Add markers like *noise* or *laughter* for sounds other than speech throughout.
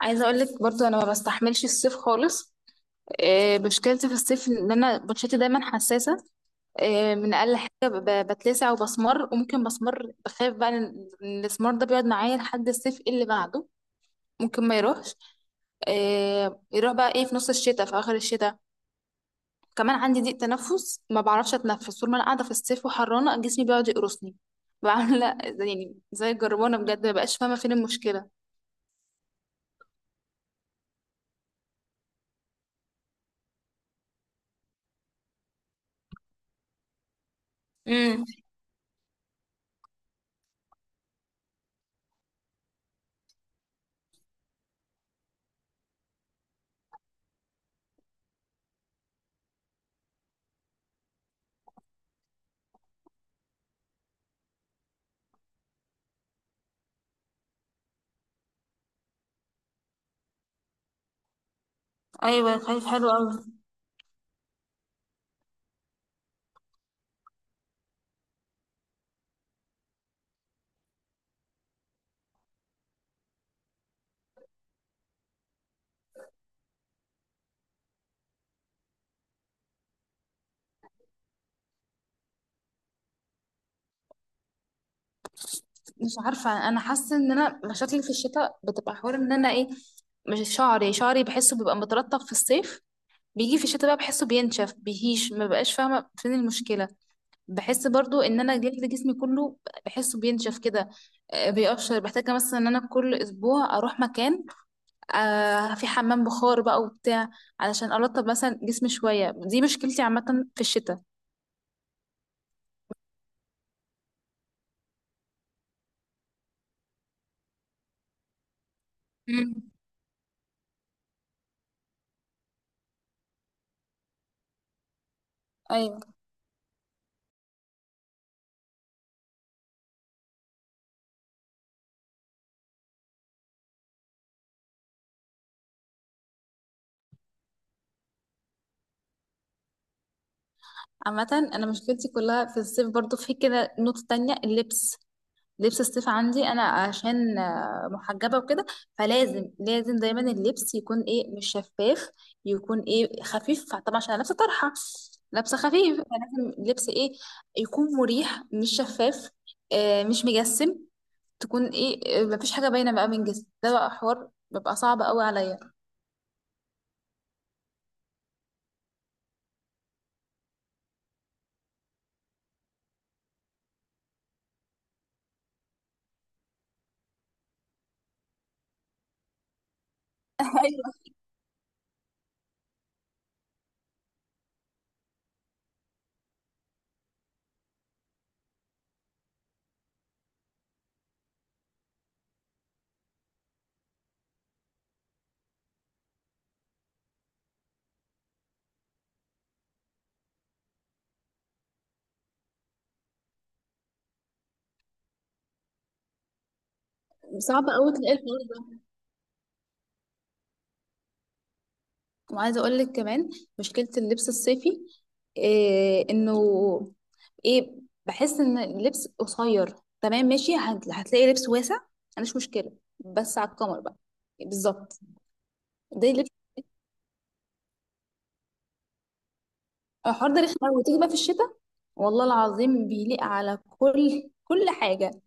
عايزه اقول لك برضو انا ما بستحملش الصيف خالص. مشكلتي في الصيف ان انا بشرتي دايما حساسه. من اقل حاجه بتلسع وبسمر، وممكن بسمر بخاف بقى ان الاسمر ده بيقعد معايا لحد الصيف، إيه اللي بعده؟ ممكن ما يروحش. يروح بقى ايه في نص الشتاء في اخر الشتاء. كمان عندي ضيق تنفس، ما بعرفش اتنفس طول ما انا قاعده في الصيف، وحرانه جسمي بيقعد يقرصني. بعمل *laughs* يعني زي الجربانه بجد، ما بقاش فاهمه فين المشكله. امم. ايوه، خايف حلو قوي. مش عارفة، أنا حاسة إن أنا مشاكلي في الشتاء بتبقى حوار إن أنا إيه. مش شعري بحسه بيبقى مترطب في الصيف، بيجي في الشتاء بقى بحسه بينشف بيهيش، ما بقاش فاهمة فين المشكلة. بحس برضو إن أنا جلد جسمي كله بحسه بينشف كده. بيقشر، بحتاج مثلا إن أنا كل أسبوع أروح مكان في حمام بخار بقى وبتاع، علشان أرطب مثلا جسمي شوية. دي مشكلتي عامة في الشتاء. مم. ايوه، عامة انا مشكلتي كلها في الصيف برضو. في كده نقطة تانية، اللبس. لبس الصيف عندي انا عشان محجبه وكده، فلازم لازم دايما اللبس يكون ايه مش شفاف، يكون ايه خفيف طبعا عشان انا لابسه طرحه، لابسه خفيف. فلازم اللبس ايه يكون مريح، مش شفاف، مش مجسم، تكون ايه مفيش حاجه باينه بقى من جسم. ده بقى حوار بيبقى صعب قوي عليا. *laughs* ايوه، صعب قوي تلاقي الحوار. وعايزه اقول لك كمان، مشكله اللبس الصيفي إيه انه ايه، بحس ان اللبس قصير. تمام، ماشي، هتلاقي لبس واسع، انا مش مشكله، بس على القمر بقى. بالظبط. ده لبس. الحوار ده رخم أوي. وتيجي بقى في الشتاء، والله العظيم بيليق على كل حاجه.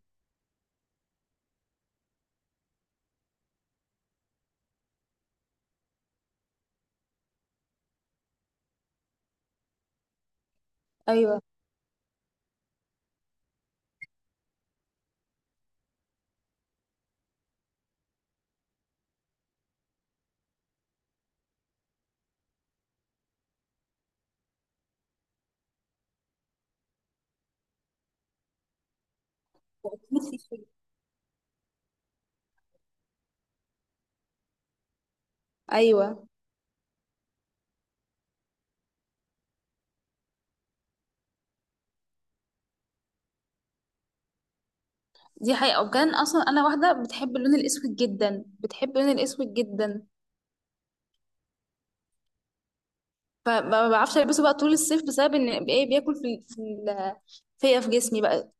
ايوه، ايوه. دي حقيقه، وكان اصلا انا واحده بتحب اللون الاسود جدا، بتحب اللون الاسود جدا. فما ما بعرفش البسه بقى طول الصيف بسبب ان ايه، بياكل في في ال- فيا في جسمي بقى.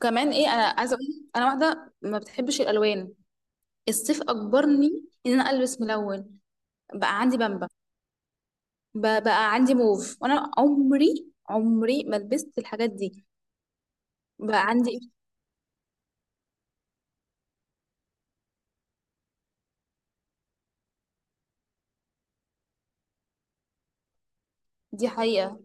كمان ايه، انا عايزه اقول لك، انا واحده ما بتحبش الالوان، الصيف اجبرني ان انا البس ملون. بقى عندي بامبا، بقى عندي موف، وانا عمري عمري ما لبست الحاجات دي. بقى عندي إيه، دي حقيقه.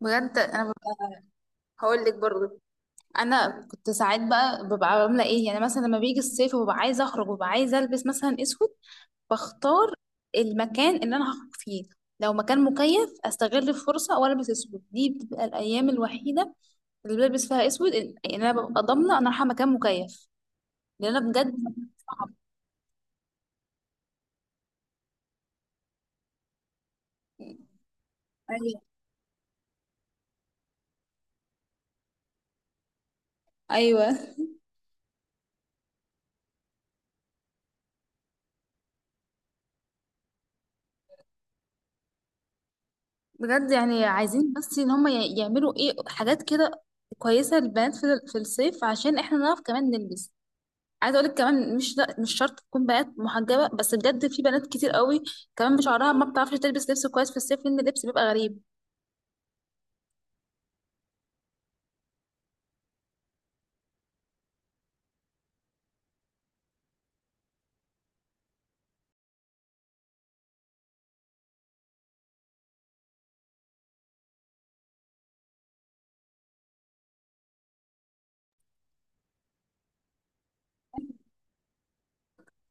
بجد انا هقول لك برضه، انا كنت ساعات بقى ببقى عامله ايه يعني، مثلا لما بيجي الصيف وببقى عايزه اخرج وببقى عايزه البس مثلا اسود، بختار المكان اللي انا هخرج فيه. لو مكان مكيف، استغل الفرصه والبس اسود. دي بتبقى الايام الوحيده اللي بلبس فيها اسود، ان انا ببقى ضامنه انا رايحه مكان مكيف. لان انا بجد مكان صعب. ايوه، ايوه. بجد يعني عايزين بس ان هم يعملوا ايه حاجات كده كويسه للبنات في الصيف، عشان احنا نعرف كمان نلبس. عايزه اقول لك كمان، مش لا مش شرط تكون بنات محجبه، بس بجد في بنات كتير قوي كمان بشعرها ما بتعرفش تلبس لبس كويس في الصيف، لان اللبس بيبقى غريب.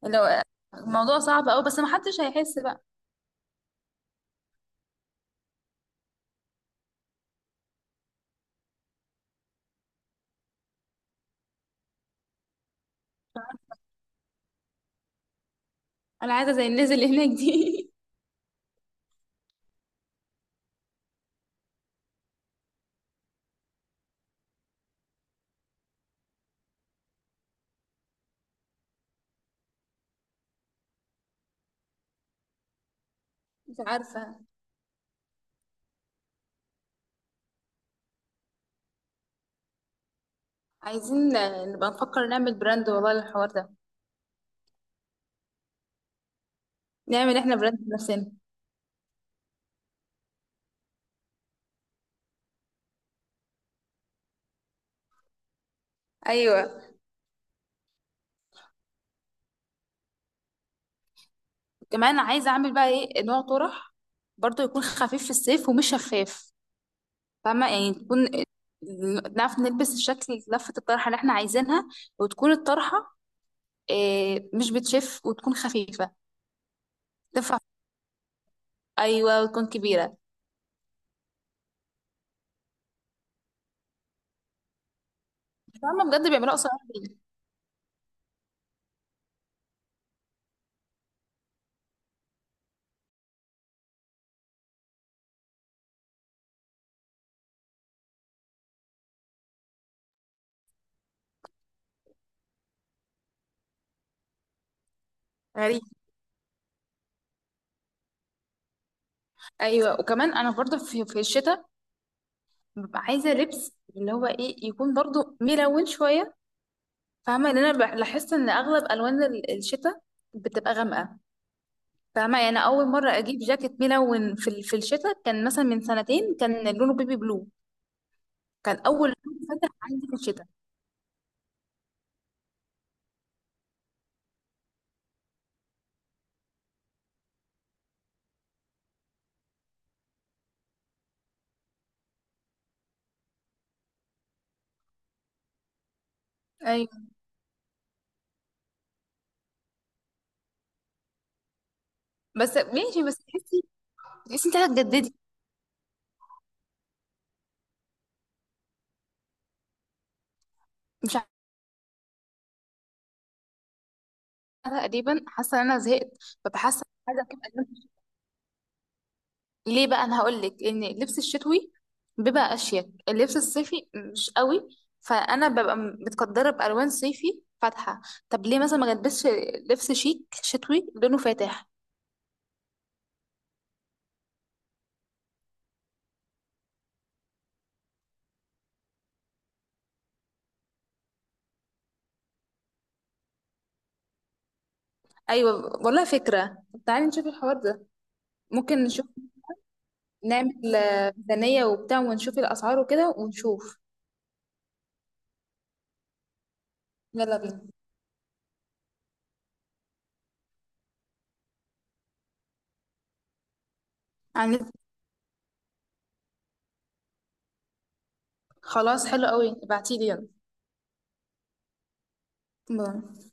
لو الموضوع صعب قوي، بس ما حدش هيحس بقى. انا عايزه زي الناس اللي هناك دي. *laughs* مش عارفه. عايزين نبقى نفكر نعمل براند والله للحوار ده، نعمل احنا براند لنفسنا. ايوه، كمان عايزه اعمل بقى ايه نوع طرح برضه يكون خفيف في الصيف ومش شفاف. فاهمه يعني تكون نعرف نلبس الشكل، لفه الطرحه اللي احنا عايزينها، وتكون الطرحه إيه مش بتشف وتكون خفيفه تنفع. ايوه، وتكون كبيره. فاهمه بجد، بيعملوها قصيره ليه؟ غريب. ايوه، وكمان انا برضه في الشتاء ببقى عايزه لبس اللي هو ايه، يكون برضه ملون شويه. فاهمه ان انا بحس ان اغلب الوان الشتاء بتبقى غامقه. فاهمه يعني، أنا اول مره اجيب جاكيت ملون في الشتاء كان مثلا من سنتين، كان لونه بيبي بلو. كان اول لون فاتح عندي في الشتاء. ايوه، بس ماشي، بس تحسي انت هتجددي. مش عارفه، تقريبا حاسه ان انا زهقت، فبحس عايزه اجيب ألوان. ليه بقى؟ انا هقول لك، ان اللبس الشتوي بيبقى اشيك، اللبس الصيفي مش قوي. فانا ببقى متقدره بالوان صيفي فاتحه، طب ليه مثلا ما البسش لبس شيك شتوي لونه فاتح. ايوه، والله فكره. تعالي نشوف الحوار ده، ممكن نشوف نعمل ميزانيه وبتاع، ونشوف الاسعار وكده، ونشوف. يلا بينا. عن- خلاص حلو قوي، ابعتيلي، يلا باي.